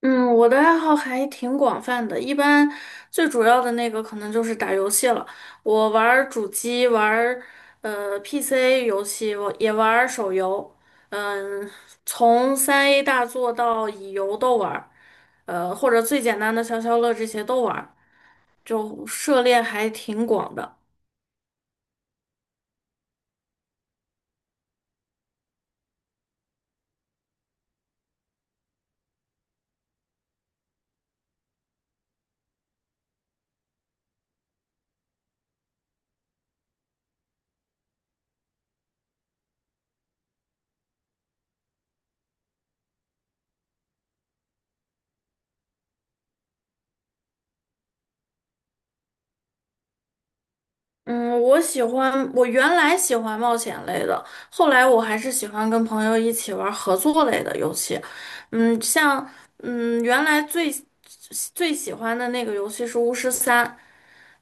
嗯，我的爱好还挺广泛的，一般最主要的那个可能就是打游戏了。我玩儿主机，玩儿PC 游戏，我也玩儿手游。嗯，从3A 大作到乙游都玩儿，或者最简单的消消乐这些都玩儿，就涉猎还挺广的。嗯，我原来喜欢冒险类的，后来我还是喜欢跟朋友一起玩合作类的游戏。嗯，原来最喜欢的那个游戏是巫师三，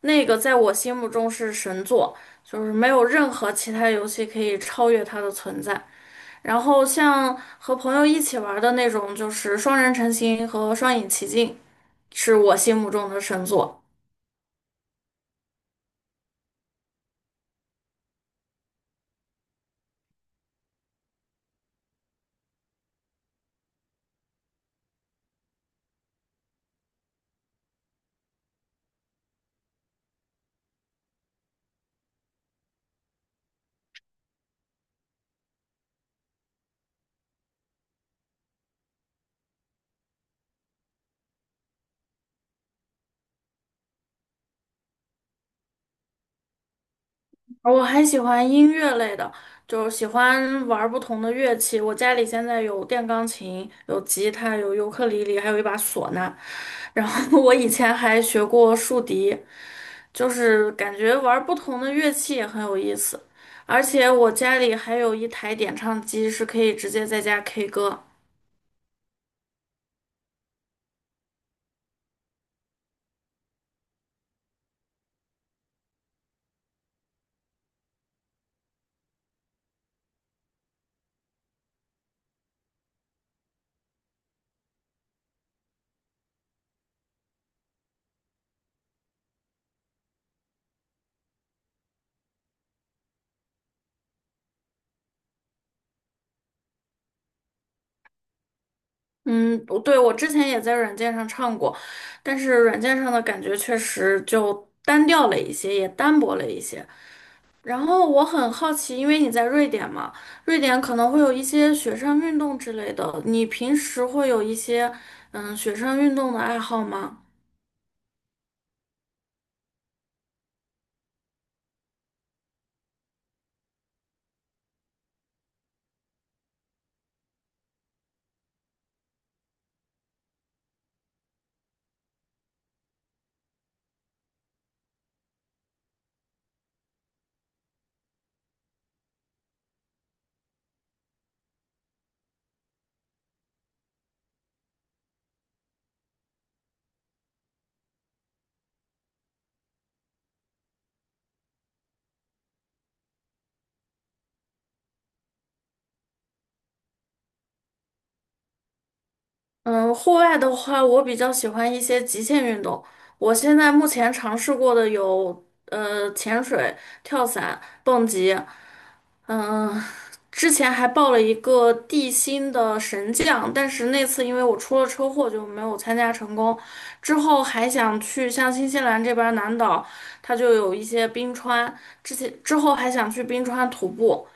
那个在我心目中是神作，就是没有任何其他游戏可以超越它的存在。然后像和朋友一起玩的那种，就是双人成行和双影奇境，是我心目中的神作。我还喜欢音乐类的，就喜欢玩儿不同的乐器。我家里现在有电钢琴、有吉他、有尤克里里，还有一把唢呐。然后 我以前还学过竖笛，就是感觉玩儿不同的乐器也很有意思。而且我家里还有一台点唱机，是可以直接在家 K 歌。嗯，不对，我之前也在软件上唱过，但是软件上的感觉确实就单调了一些，也单薄了一些。然后我很好奇，因为你在瑞典嘛，瑞典可能会有一些雪上运动之类的，你平时会有一些雪上运动的爱好吗？嗯，户外的话，我比较喜欢一些极限运动。我现在目前尝试过的有潜水、跳伞、蹦极。嗯，之前还报了一个地心的神将，但是那次因为我出了车祸就没有参加成功。之后还想去像新西兰这边儿南岛，它就有一些冰川，之后还想去冰川徒步，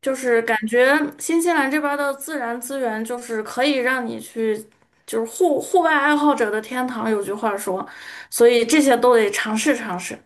就是感觉新西兰这边儿的自然资源就是可以让你去，就是户外爱好者的天堂，有句话说，所以这些都得尝试尝试。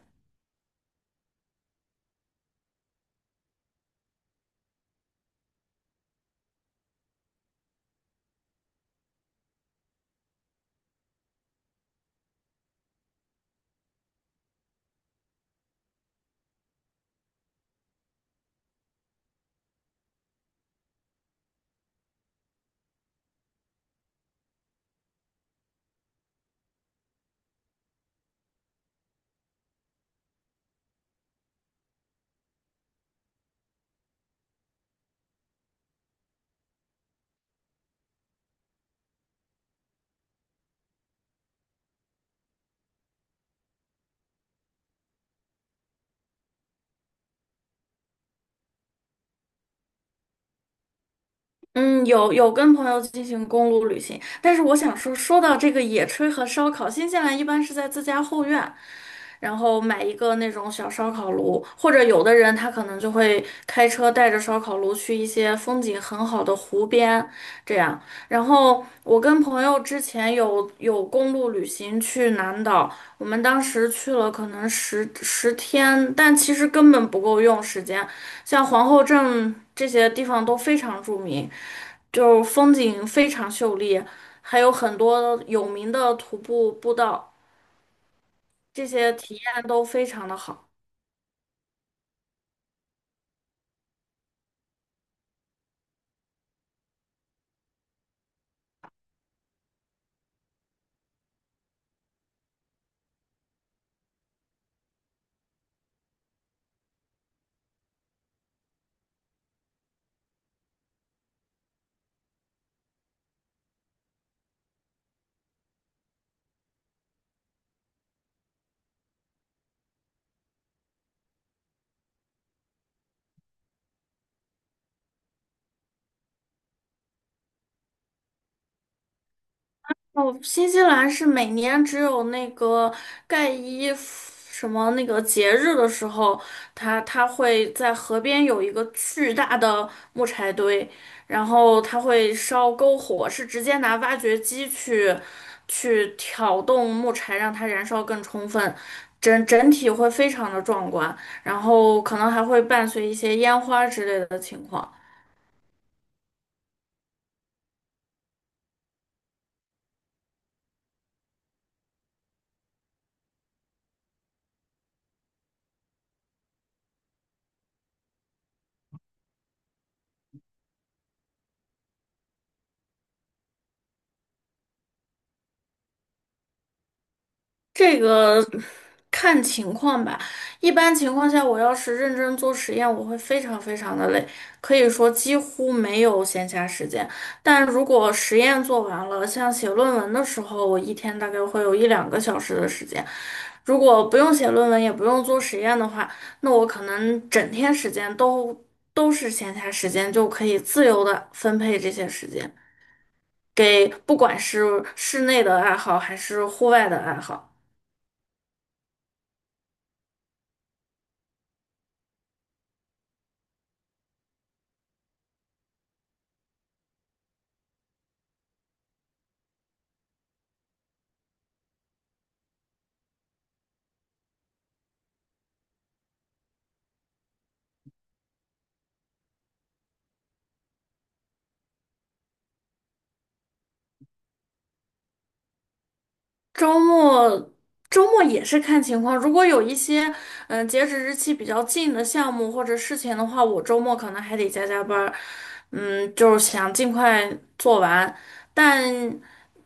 嗯，有跟朋友进行公路旅行。但是我想说，说到这个野炊和烧烤，新西兰一般是在自家后院，然后买一个那种小烧烤炉，或者有的人他可能就会开车带着烧烤炉去一些风景很好的湖边，这样。然后我跟朋友之前有公路旅行去南岛，我们当时去了可能10天，但其实根本不够用时间，像皇后镇这些地方都非常著名。就风景非常秀丽，还有很多有名的徒步步道，这些体验都非常的好。哦，新西兰是每年只有那个盖伊夫什么那个节日的时候，它会在河边有一个巨大的木柴堆，然后它会烧篝火，是直接拿挖掘机去挑动木柴，让它燃烧更充分，整体会非常的壮观，然后可能还会伴随一些烟花之类的情况。这个看情况吧。一般情况下，我要是认真做实验，我会非常非常的累，可以说几乎没有闲暇时间。但如果实验做完了，像写论文的时候，我一天大概会有一两个小时的时间。如果不用写论文，也不用做实验的话，那我可能整天时间都是闲暇时间，就可以自由的分配这些时间，给不管是室内的爱好还是户外的爱好。周末周末也是看情况，如果有一些截止日期比较近的项目或者事情的话，我周末可能还得加班儿，嗯，就是想尽快做完。但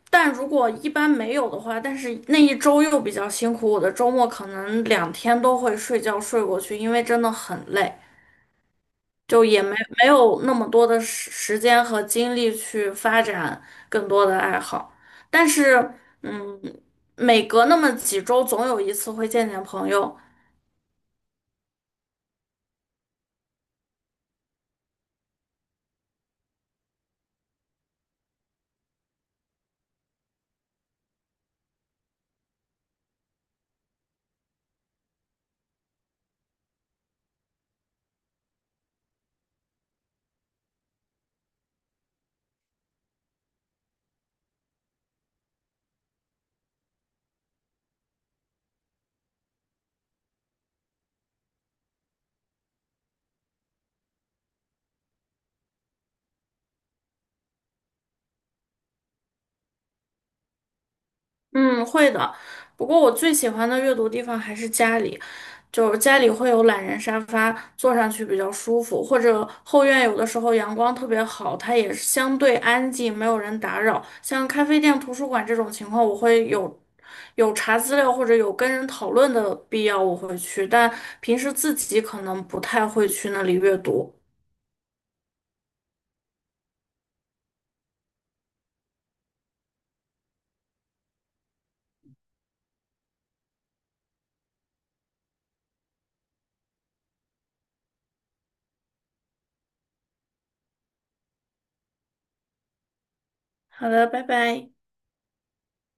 但如果一般没有的话，但是那一周又比较辛苦，我的周末可能两天都会睡觉睡过去，因为真的很累。就也没有那么多的时间和精力去发展更多的爱好。但是，嗯，每隔那么几周，总有一次会见见朋友，嗯，会的。不过我最喜欢的阅读地方还是家里，就是家里会有懒人沙发，坐上去比较舒服，或者后院有的时候阳光特别好，它也是相对安静，没有人打扰。像咖啡店、图书馆这种情况，我会有查资料或者有跟人讨论的必要，我会去，但平时自己可能不太会去那里阅读。好的，拜拜。